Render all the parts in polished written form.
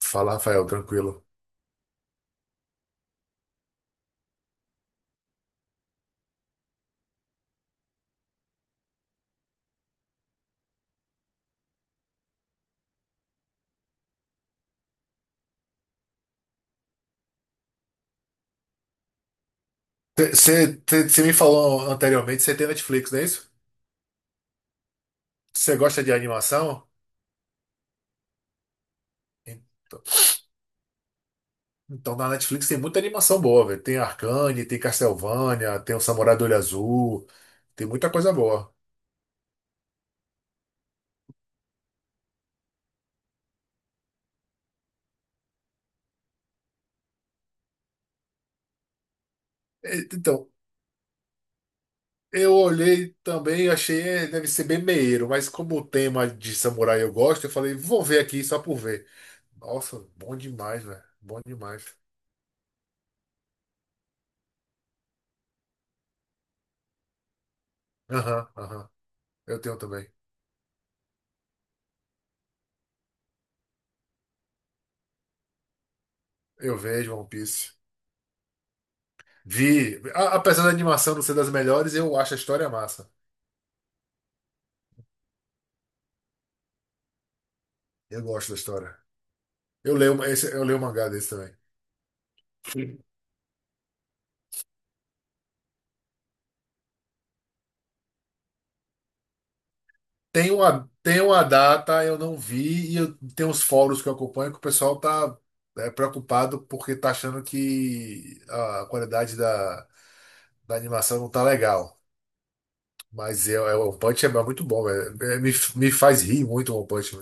Fala, Rafael, tranquilo. Você me falou anteriormente, você tem Netflix, não é isso? Você gosta de animação? Então, então, na Netflix tem muita animação boa, velho. Tem Arcane, tem Castlevania, tem o Samurai do Olho Azul, tem muita coisa boa. É, então, eu olhei também e achei, é, deve ser bem meieiro, mas como o tema de samurai eu gosto, eu falei, vou ver aqui só por ver. Nossa, bom demais, velho. Bom demais. Aham, aham. Eu tenho também. Eu vejo One Piece. Vi, apesar da animação não ser das melhores, eu acho a história massa. Eu gosto da história. Eu leio o mangá desse também. Tem uma data, eu não vi, tem uns fóruns que eu acompanho que o pessoal tá preocupado porque tá achando que a qualidade da animação não tá legal. Mas o One Punch é muito bom, velho. É, me faz rir muito o One Punch.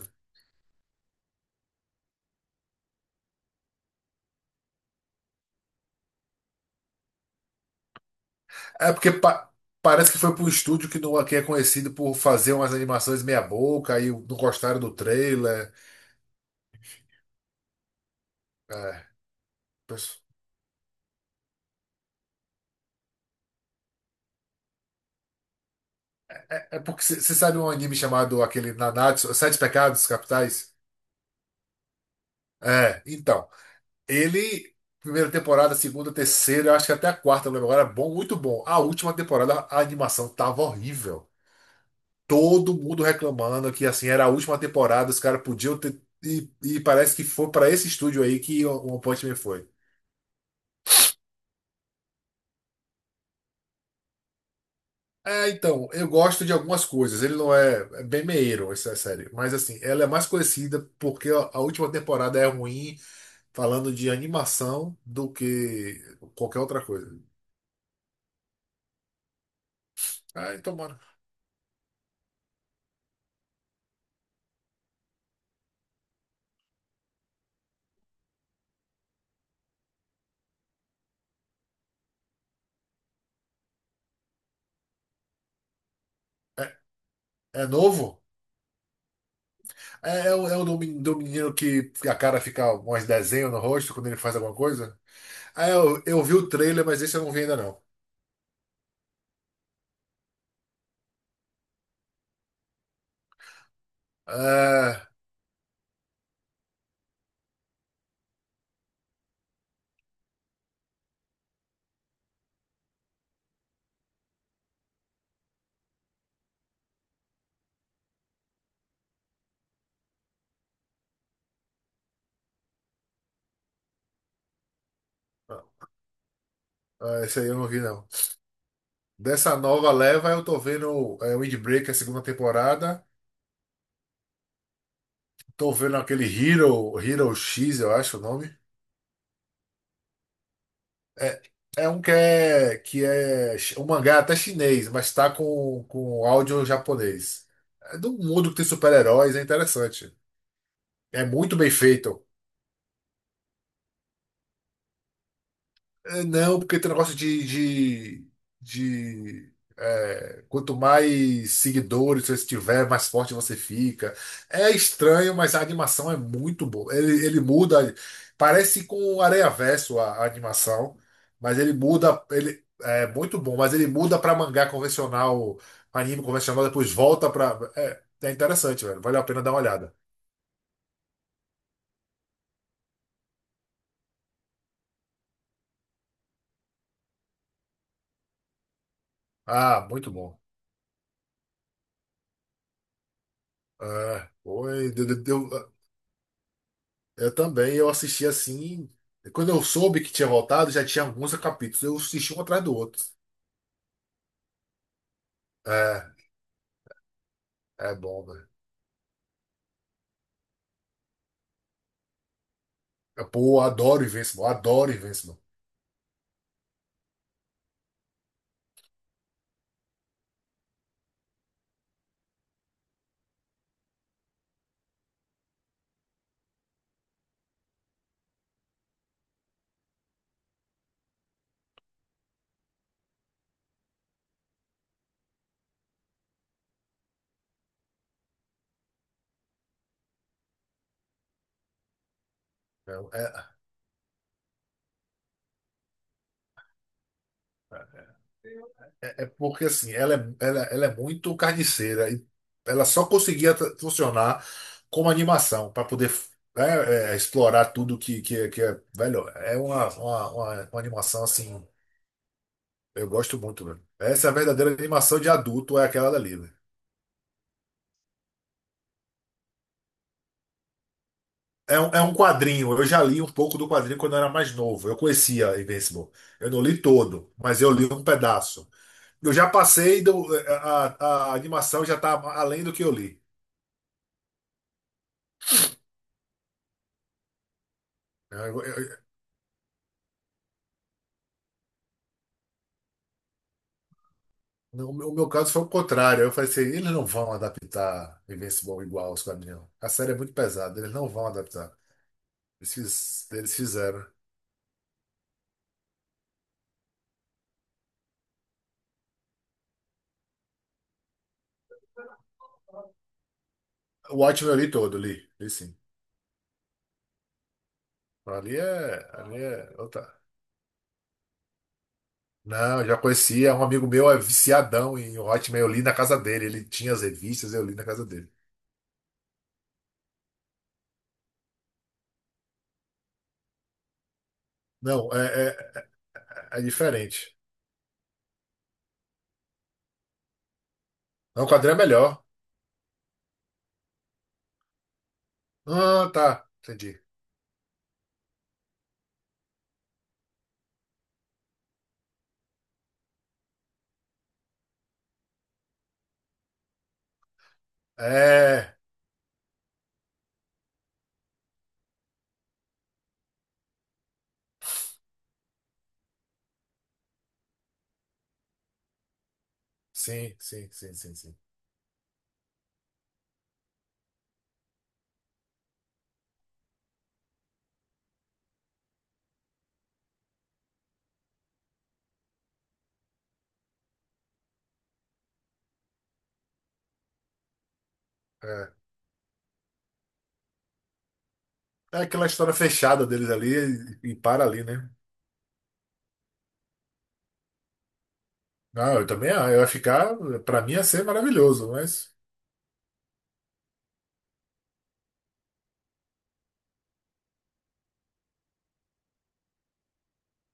É porque parece que foi para um estúdio que, não, que é conhecido por fazer umas animações meia boca, aí não gostaram do trailer. É, pois- é porque você sabe um anime chamado aquele Nanatsu, Sete Pecados Capitais? É, então. Ele, primeira temporada, segunda, terceira, eu acho que até a quarta, eu não lembro agora, é bom, muito bom. A última temporada, a animação tava horrível. Todo mundo reclamando que assim era a última temporada, os caras podiam ter. E parece que foi para esse estúdio aí que o One Punch Man foi. É, então, eu gosto de algumas coisas. Ele não é, é bem meieiro, essa série. Mas, assim, ela é mais conhecida porque a última temporada é ruim, falando de animação, do que qualquer outra coisa. Ah, então, mano. É, é novo? É, do menino que a cara fica uns desenhos no rosto quando ele faz alguma coisa? Ah, eu vi o trailer, mas esse eu não vi ainda, não. Ah, ah, esse aí eu não vi, não. Dessa nova leva, eu tô vendo Windbreaker, segunda temporada. Tô vendo aquele Hero X, eu acho o nome. É, é um que é chi- um mangá até chinês, mas tá com áudio japonês. É do mundo que tem super-heróis, é interessante. É muito bem feito. É, não, porque tem um negócio de, quanto mais seguidores você tiver, mais forte você fica. É estranho, mas a animação é muito boa. Ele muda, parece com o Areiaverso a animação, mas ele muda, ele é muito bom, mas ele muda para mangá convencional, anime convencional, depois volta para. É, é interessante, velho. Vale a pena dar uma olhada. Ah, muito bom. É, foi, deu. Eu também, eu assisti assim. Quando eu soube que tinha voltado, já tinha alguns capítulos. Eu assisti um atrás do outro. É, é bom, né? Pô, eu adoro Invincible, adoro Invincible. É, é, porque assim, ela é muito carniceira e ela só conseguia funcionar como animação para poder né, explorar tudo que é. Velho, é uma animação assim. Eu gosto muito, velho. Essa é a verdadeira animação de adulto, é aquela dali, velho. É um quadrinho. Eu já li um pouco do quadrinho quando eu era mais novo. Eu conhecia Invincible. Eu não li todo, mas eu li um pedaço. Eu já passei do, é, a animação já está além do que eu li. É, no meu caso foi o contrário. Eu falei assim, eles não vão adaptar Invincible igual aos quadrinhos. A série é muito pesada, eles não vão adaptar. Eles fizeram. O Watchmen eu li todo, li sim. Ali é outra. Não, eu já conhecia. Um amigo meu é viciadão em Hotmail. Eu li na casa dele. Ele tinha as revistas, eu li na casa dele. Não, é diferente. Não, o quadrinho é melhor. Ah, tá. Entendi. É. Sim, sim, sim, sim, sim. É, é aquela história fechada deles ali e para ali, né? Não, eu também ah, eu ia ficar. Pra mim ia ser maravilhoso, mas.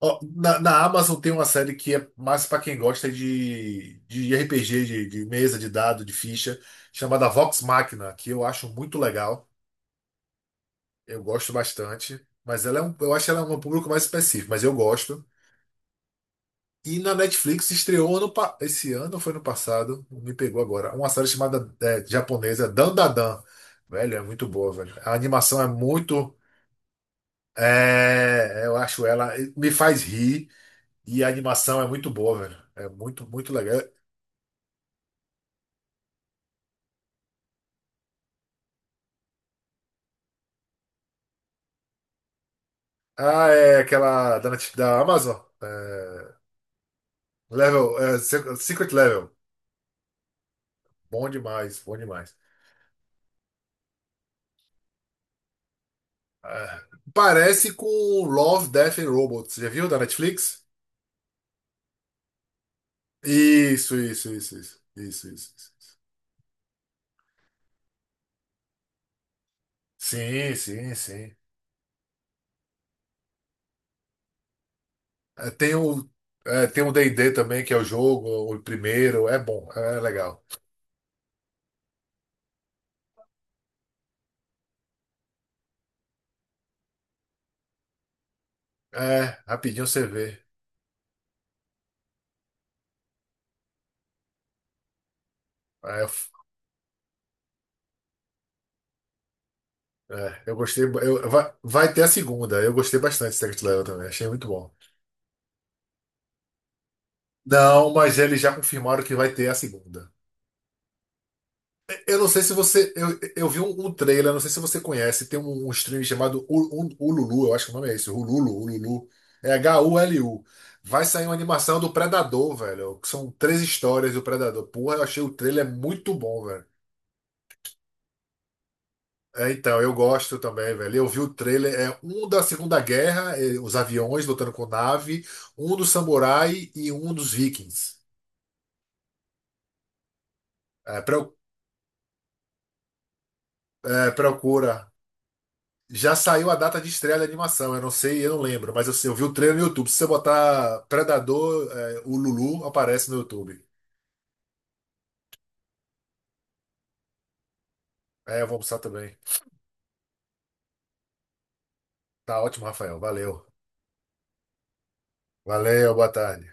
Ó, na Amazon tem uma série que é mais pra quem gosta de RPG, de mesa, de dado, de ficha, chamada Vox Machina, que eu acho muito legal. Eu gosto bastante. Mas ela é um, eu acho ela é um público mais específico, mas eu gosto. E na Netflix estreou esse ano, ou foi no passado, me pegou agora, uma série chamada japonesa Dandadan. Velho, é muito boa, velho. A animação é muito. Eu acho ela. Me faz rir. E a animação é muito boa, velho. É muito, muito legal. Ah, é aquela da, da Amazon. É, level, Secret Level. Bom demais, bom demais. Ah, parece com Love, Death and Robots. Já viu da Netflix? Isso, isso, isso, isso, isso, isso. Isso. Sim, sim, sim. É, tem o D&D também, que é o jogo, o primeiro. É bom, é legal. É, rapidinho você vê. É, eu gostei. Vai ter a segunda. Eu gostei bastante de Secret Level também. Achei muito bom. Não, mas eles já confirmaram que vai ter a segunda. Eu não sei se você. Eu vi um trailer, não sei se você conhece. Tem um stream chamado Ululu, eu acho que o nome é esse. Hululu, Ululu. É Hulu. Vai sair uma animação do Predador, velho. Que são três histórias do Predador. Porra, eu achei o trailer muito bom, velho. É, então, eu gosto também, velho. Eu vi o trailer, é um da Segunda Guerra, os aviões lutando com nave, um do samurai e um dos vikings. É, procura. Já saiu a data de estreia da animação, eu não sei, eu não lembro, mas eu vi o trailer no YouTube. Se você botar Predador, o Lulu aparece no YouTube. É, eu vou almoçar também. Tá ótimo, Rafael. Valeu. Valeu, boa tarde.